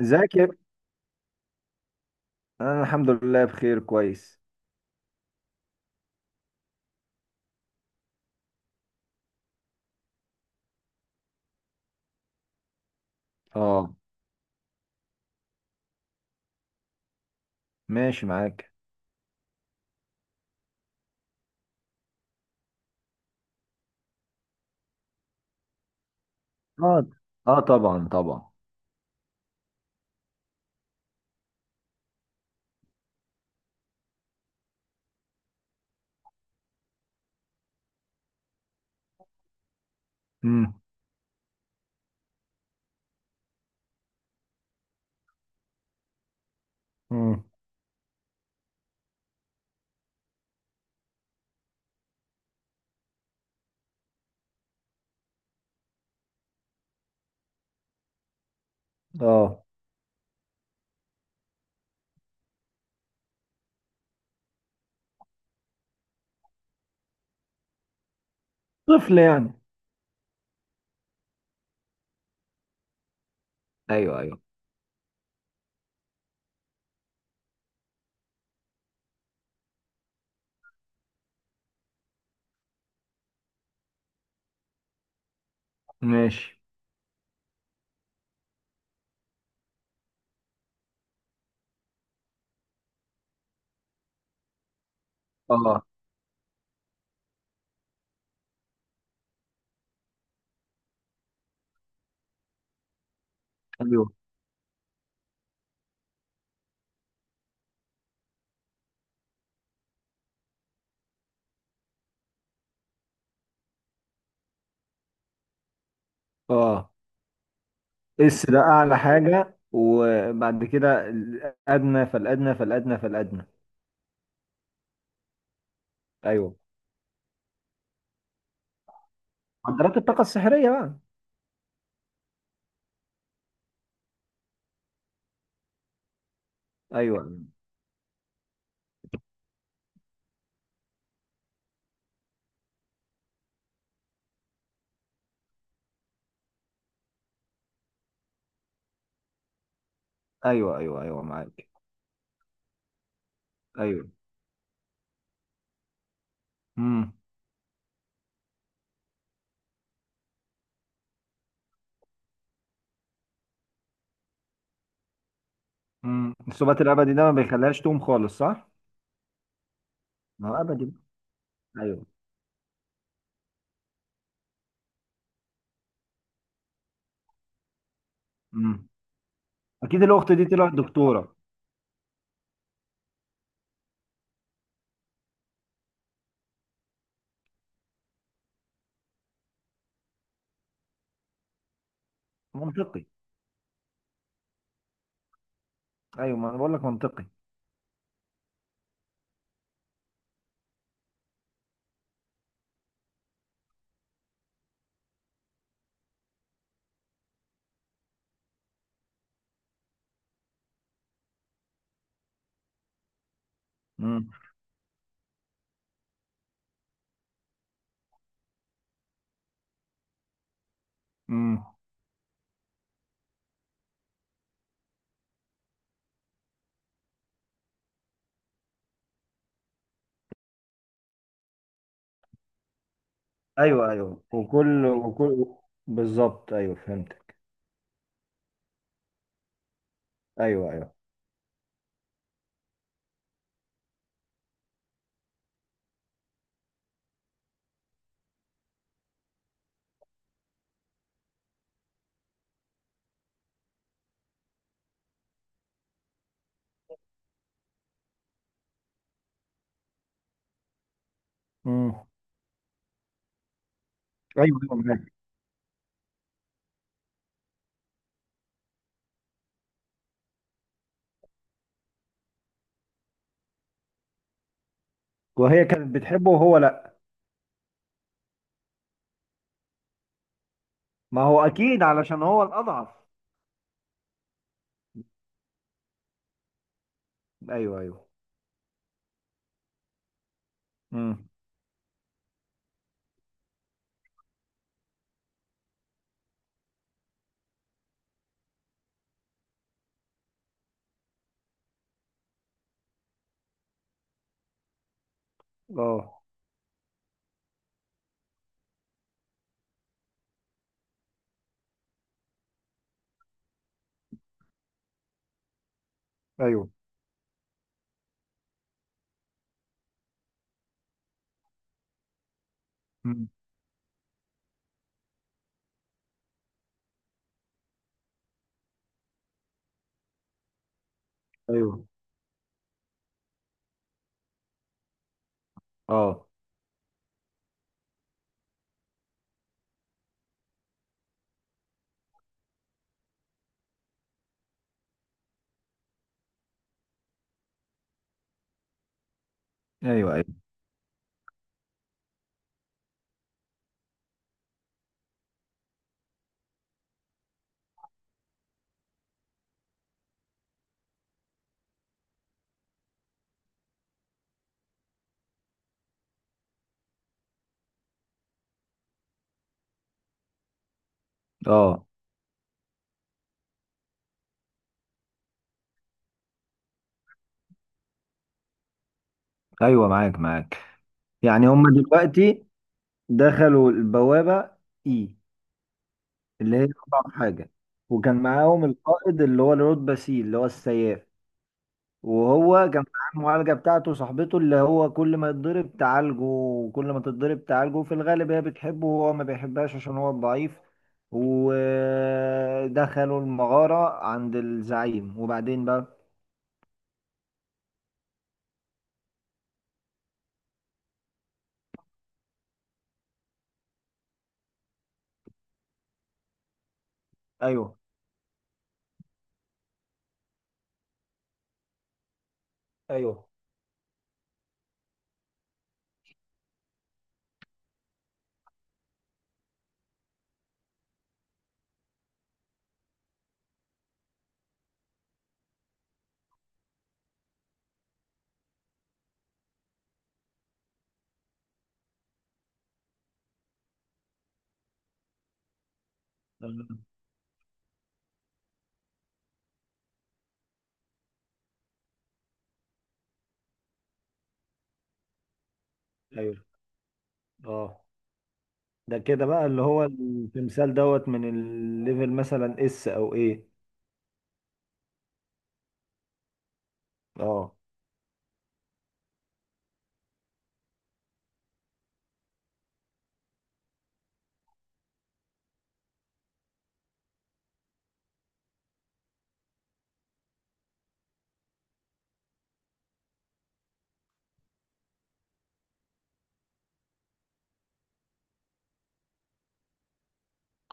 ازيك يا ابني؟ انا الحمد لله بخير كويس. اه. ماشي معاك. اه. اه، طبعا طبعا. امم. امم. اه. طفل يعني. ايوه ايوه. ماشي. اه. ايوه. اه، اس ده اعلى حاجة وبعد كده الادنى فالادنى فالادنى فالادنى. ايوه، معدلات الطاقة السحرية بقى. ايوه ايوه ايوه ايوه معاك. ايوه. امم. الثبات الابدي ده ما بيخليهاش تقوم خالص صح؟ ما هو ابدي. ايوه. مم. اكيد الاخت دي طلعت دكتوره. منطقي. ايوه، ما انا بقول لك منطقي. امم. امم. ايوه ايوه وكل وكل بالظبط. ايوه فهمتك. ايوه ايوه. امم. ايوه ايوه معاك. وهي كانت بتحبه وهو لا. ما هو اكيد علشان هو الاضعف. ايوه ايوه. امم. اه. ايوه. امم. ايوه. اه. ايوه ايوه. اه. ايوه معاك معاك. يعني هما دلوقتي دخلوا البوابه اي اللي هي أصعب حاجة، وكان معاهم القائد اللي هو الرود باسيل اللي هو السياف، وهو كان معاه المعالجة بتاعته صاحبته اللي هو كل ما يتضرب تعالجه وكل ما تتضرب تعالجه. في الغالب هي بتحبه وهو ما بيحبهاش عشان هو ضعيف. ودخلوا المغارة عند الزعيم وبعدين بقى. ايوه ايوه ايوه. اه، ده كده بقى اللي هو التمثال دوت من الليفل مثلا اس او ايه. اه.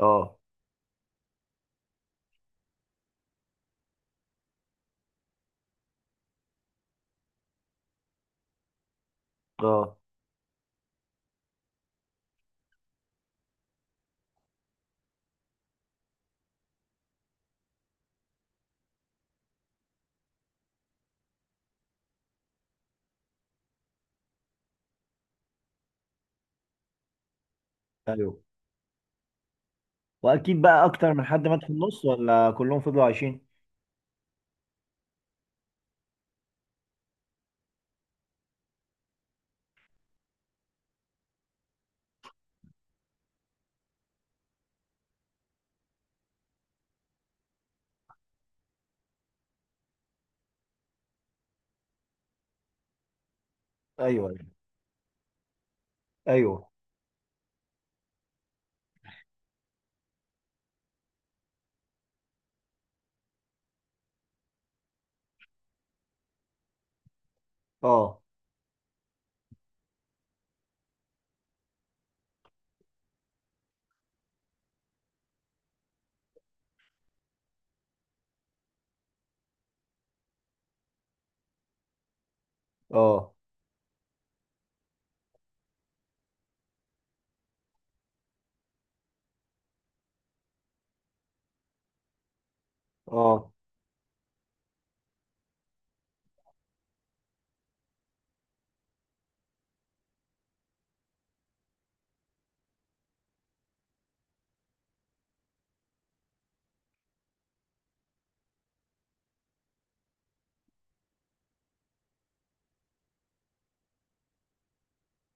اه. اه. ايوه، واكيد بقى اكتر من حد مات في النص ولا كلهم فضلوا عايشين. ايوه ايوه ايوه. اه. اه. اه.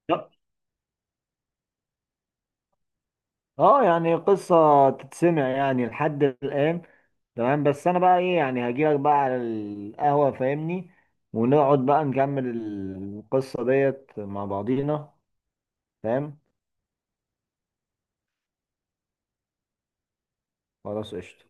لا. اه يعني قصة تتسمع يعني لحد الآن. تمام، بس أنا بقى إيه يعني هجيلك بقى على القهوة فاهمني. ونقعد بقى نكمل القصة ديت مع بعضينا. فاهم. خلاص قشطة.